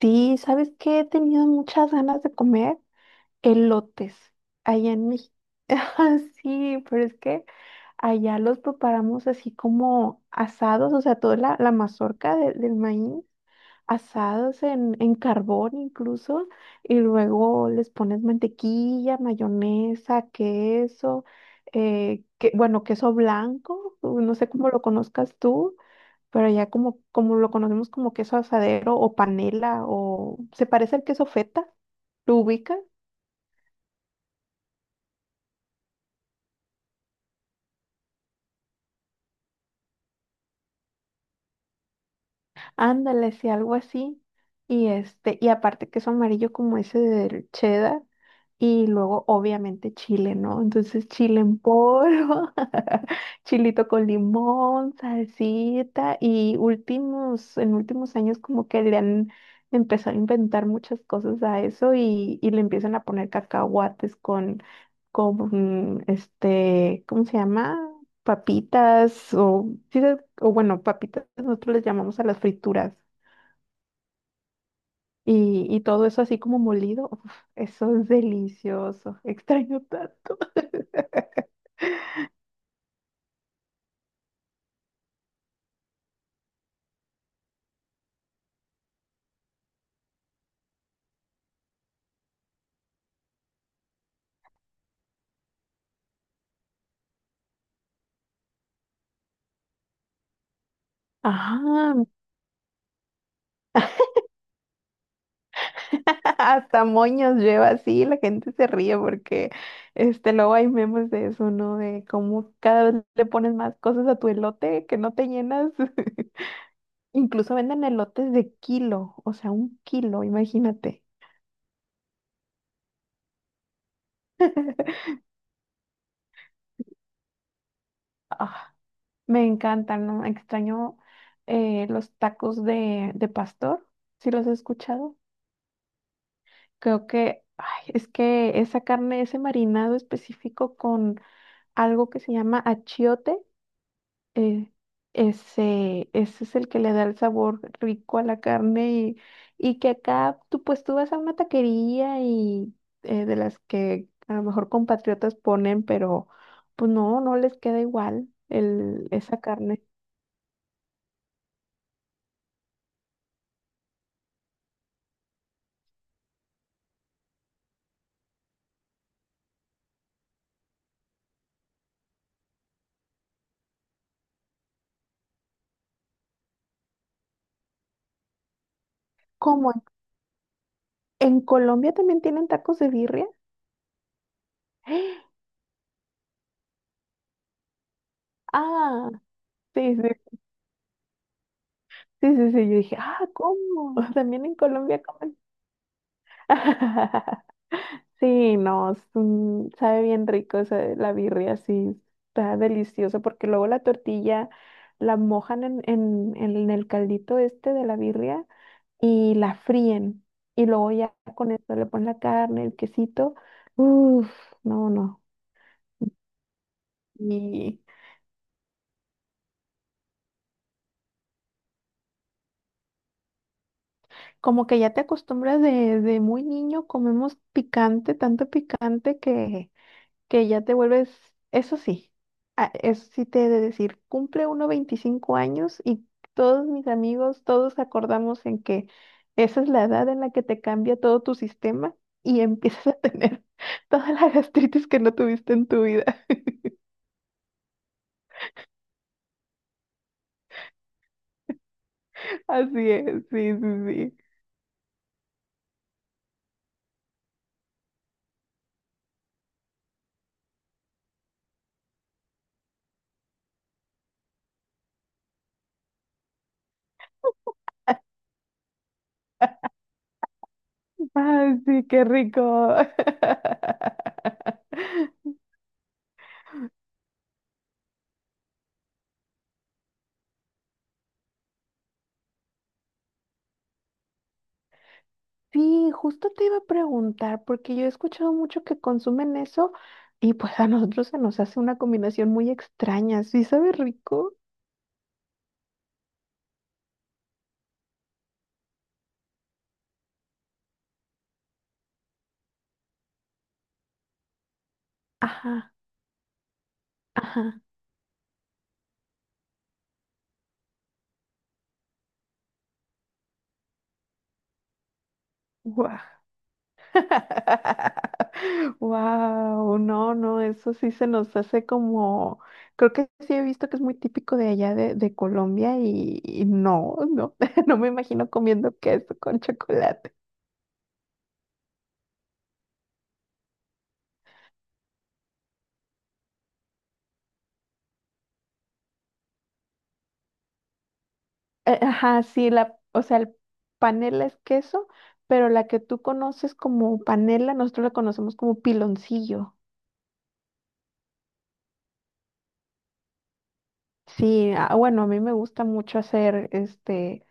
Sí, ¿sabes qué? He tenido muchas ganas de comer elotes allá en México. Ah, sí, pero es que allá los preparamos así como asados, o sea, toda la mazorca del maíz, asados en carbón incluso, y luego les pones mantequilla, mayonesa, queso, que, bueno, queso blanco, no sé cómo lo conozcas tú, pero ya como, como lo conocemos como queso asadero o panela, o se parece al queso feta. ¿Lo ubicas? Ándale, sí, algo así. Y este, y aparte que es amarillo como ese del cheddar, y luego obviamente chile, ¿no? Entonces chile en polvo, chilito con limón, salsita, y últimos años como que le han empezado a inventar muchas cosas a eso, y le empiezan a poner cacahuates con, ¿cómo se llama? Papitas o, o bueno, papitas nosotros les llamamos a las frituras, y todo eso así como molido, uf, eso es delicioso, extraño tanto. Ajá, hasta moños lleva así, la gente se ríe porque este, luego hay memes de eso, ¿no? De cómo cada vez le pones más cosas a tu elote que no te llenas. Incluso venden elotes de kilo, o sea, un kilo, imagínate. Ah, me encantan, ¿no? Extraño los tacos de pastor, si los he escuchado. Creo que, ay, es que esa carne, ese marinado específico con algo que se llama achiote, eh, ese es el que le da el sabor rico a la carne, y que acá tú pues tú vas a una taquería y, de las que a lo mejor compatriotas ponen, pero pues no, no les queda igual el, esa carne. ¿Cómo? ¿En Colombia también tienen tacos de birria? Ah, sí, sí, sí, sí, sí. Yo dije, ah, ¿cómo? También en Colombia comen. Sí, no, es un- sabe bien rico esa- la birria, sí, está deliciosa porque luego la tortilla la mojan en el caldito este de la birria y la fríen, y luego ya con esto le ponen la carne, el quesito, uff, no, no, y como que ya te acostumbras de muy niño, comemos picante, tanto picante que ya te vuelves, eso sí, eso sí te he de decir, cumple uno 25 años, y todos mis amigos, todos acordamos en que esa es la edad en la que te cambia todo tu sistema y empiezas a tener toda la gastritis que no tuviste en tu vida. Así es, sí, sí, sí. Ay, sí, qué rico. Sí, justo te iba a preguntar, porque yo he escuchado mucho que consumen eso, y pues a nosotros se nos hace una combinación muy extraña. ¿Sí sabe rico? Ajá, ajá, guau. Wow, no, no, eso sí se nos hace como, creo que sí he visto que es muy típico de allá de Colombia, y no, no, no me imagino comiendo queso con chocolate. Ajá, sí, la, o sea, el panela es queso, pero la que tú conoces como panela, nosotros la conocemos como piloncillo. Sí, ah, bueno, a mí me gusta mucho hacer, este,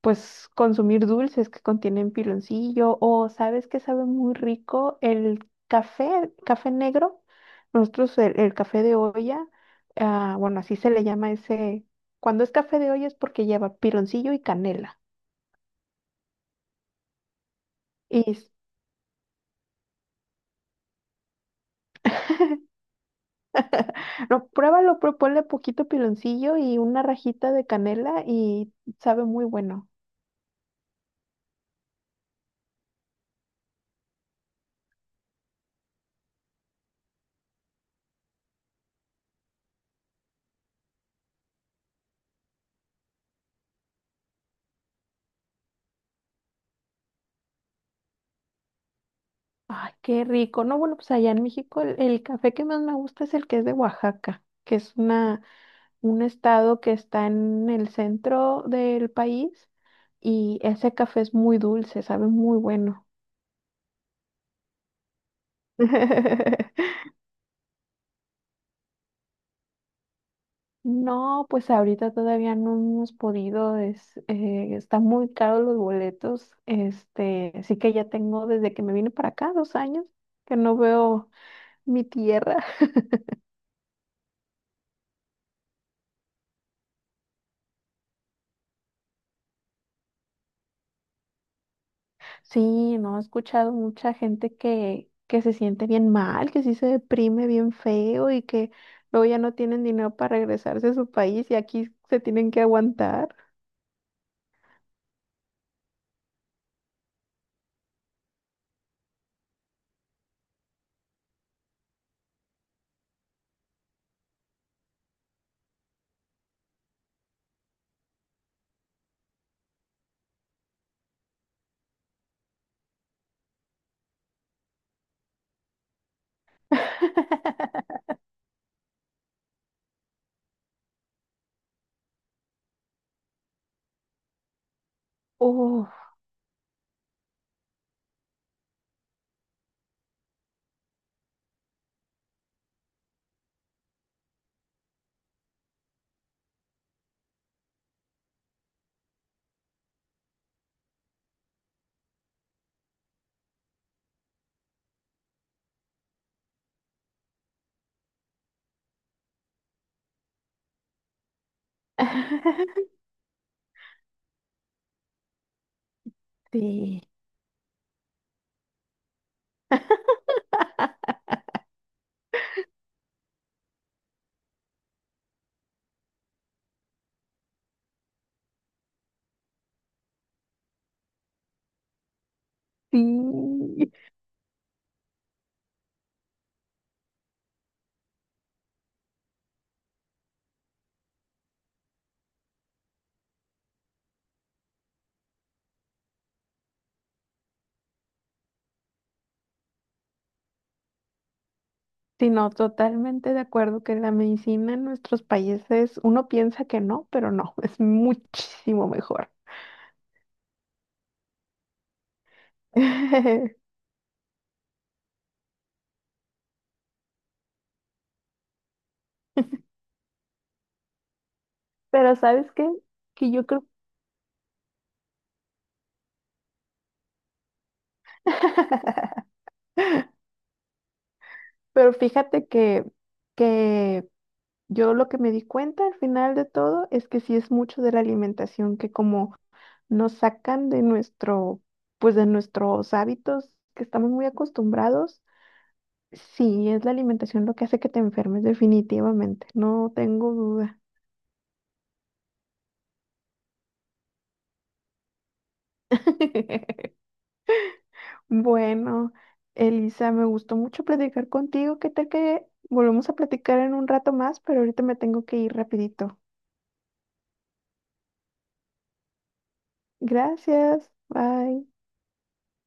pues consumir dulces que contienen piloncillo. O, ¿sabes que sabe muy rico? El café, café negro. Nosotros el café de olla, ah, bueno, así se le llama ese, cuando es café de olla es porque lleva piloncillo y canela. Y no, pruébalo, pero ponle poquito piloncillo y una rajita de canela y sabe muy bueno. Ay, qué rico. No, bueno, pues allá en México el café que más me gusta es el que es de Oaxaca, que es una, un estado que está en el centro del país, y ese café es muy dulce, sabe muy bueno. No, pues ahorita todavía no hemos podido, es, están muy caros los boletos, este, así que ya tengo desde que me vine para acá 2 años que no veo mi tierra. Sí, no, he escuchado mucha gente que se siente bien mal, que sí se deprime bien feo y que luego ya no tienen dinero para regresarse a su país y aquí se tienen que aguantar. Uf, sí, sí. Sí, no, totalmente de acuerdo que la medicina en nuestros países, uno piensa que no, pero no, es muchísimo mejor. Pero ¿sabes qué? Que yo creo... Pero fíjate que yo lo que me di cuenta al final de todo es que sí es mucho de la alimentación, que como nos sacan de nuestro, pues de nuestros hábitos que estamos muy acostumbrados, sí es la alimentación lo que hace que te enfermes definitivamente, no tengo duda. Bueno, Elisa, me gustó mucho platicar contigo. ¿Qué tal que volvemos a platicar en un rato más? Pero ahorita me tengo que ir rapidito. Gracias. Bye.